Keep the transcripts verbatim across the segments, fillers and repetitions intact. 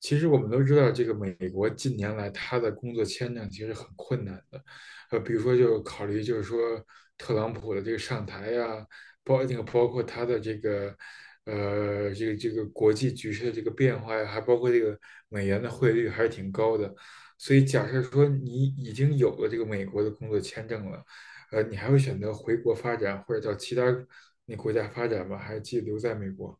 其实我们都知道，这个美国近年来它的工作签证其实很困难的，呃，比如说就考虑就是说特朗普的这个上台呀、包那个包括他的这个呃这个这个国际局势的这个变化呀，还包括这个美元的汇率还是挺高的，所以假设说你已经有了这个美国的工作签证了，呃，你还会选择回国发展或者到其他那国家发展吗？还是继续留在美国？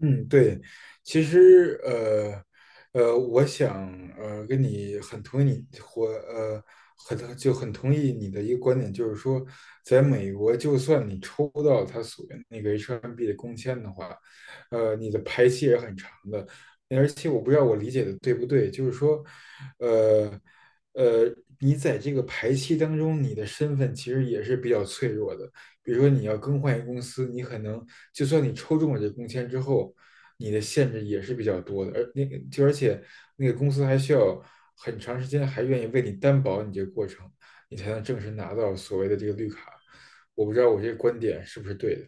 嗯，对，其实呃呃，我想呃跟你很同意你或呃很就很同意你的一个观点，就是说，在美国，就算你抽到他所谓那个 H 一 B 的工签的话，呃，你的排期也很长的，而且我不知道我理解的对不对，就是说，呃呃，你在这个排期当中，你的身份其实也是比较脆弱的。比如说你要更换一个公司，你可能就算你抽中了这工签之后，你的限制也是比较多的，而那个就而且那个公司还需要很长时间，还愿意为你担保你这个过程，你才能正式拿到所谓的这个绿卡。我不知道我这个观点是不是对的。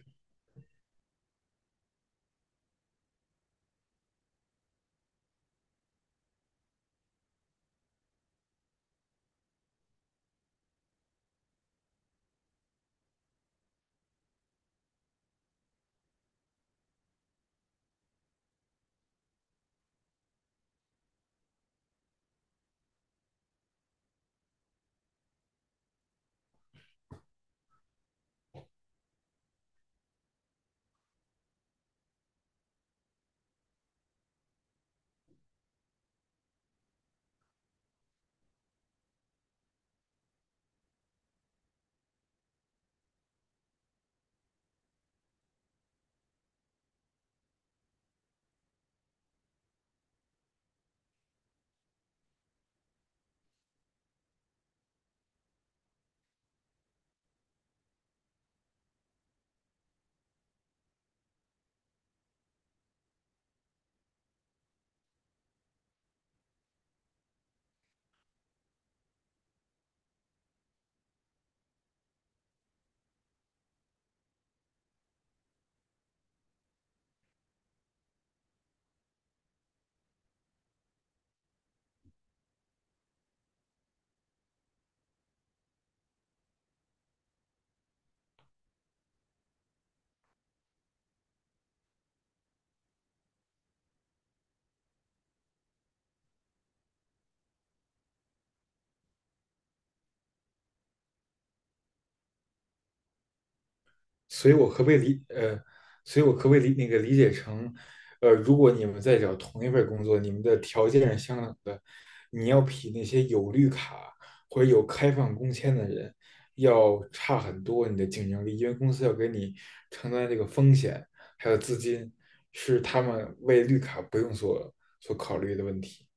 所以我可不可以理呃，所以我可不可以理那个理解成，呃，如果你们在找同一份工作，你们的条件是相等的，你要比那些有绿卡或者有开放工签的人要差很多你的竞争力，因为公司要给你承担这个风险，还有资金，是他们为绿卡不用所所考虑的问题。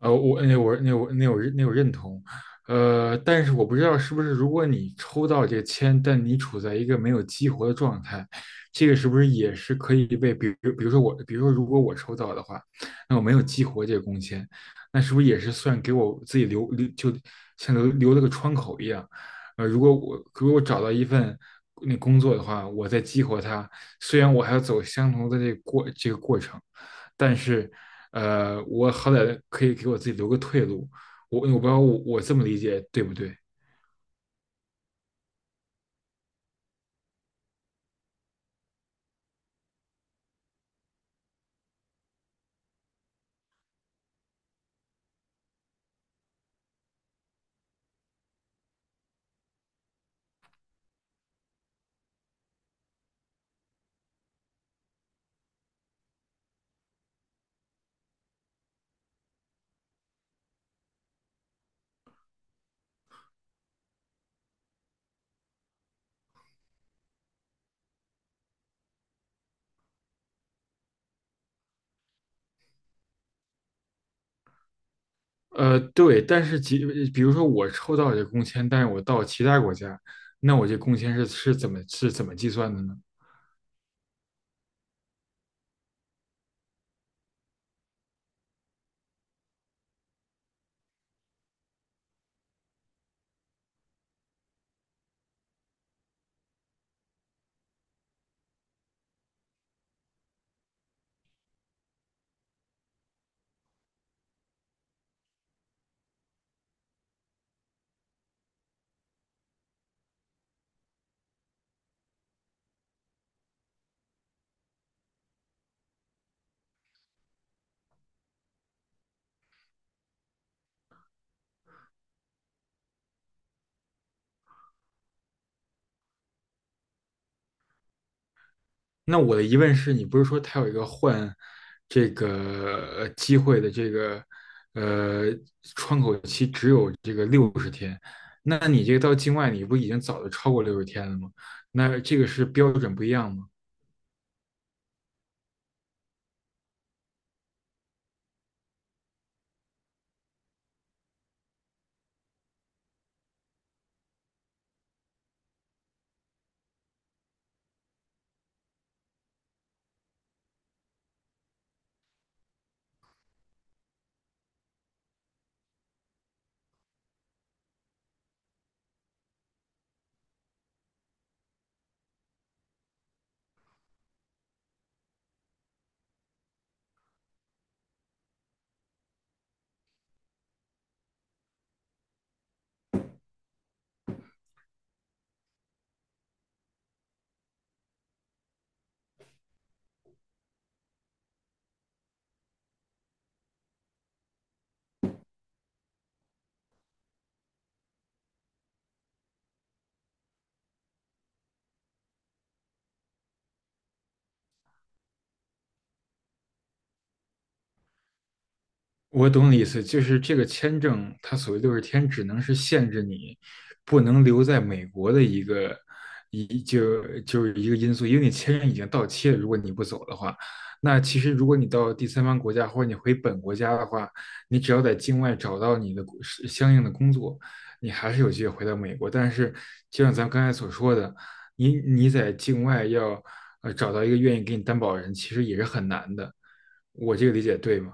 呃，我那我那我那我那我认同，呃，但是我不知道是不是如果你抽到这个签，但你处在一个没有激活的状态，这个是不是也是可以被，比如比如说我，比如说如果我抽到的话，那我没有激活这个工签，那是不是也是算给我自己留留就像留留了个窗口一样？呃，如果我如果我找到一份那工作的话，我再激活它，虽然我还要走相同的这个过这个过程，但是。呃，我好歹可以给我自己留个退路。我我不知道我我这么理解对不对？呃，对，但是其比如说我抽到这工签，但是我到其他国家，那我这工签是是怎么是怎么计算的呢？那我的疑问是，你不是说它有一个换这个呃机会的这个呃，那你这个到境外你不已经早就超过六十天了吗？那这个是标准不一样吗？我懂你意思，就是这个签证，它所谓的六十天，只能是限制你不能留在美国的一个一就就是一个因素，因为你签证已经到期了，如果你不走的话，那其实如果你到第三方国家或者你回本国家的话，你只要在境外找到你的工是相应的工作，你还是有机会回到美国。但是就像咱们刚才所说的，你你在境外要呃找到一个愿意给你担保人，其实也是很难的。我这个理解对吗？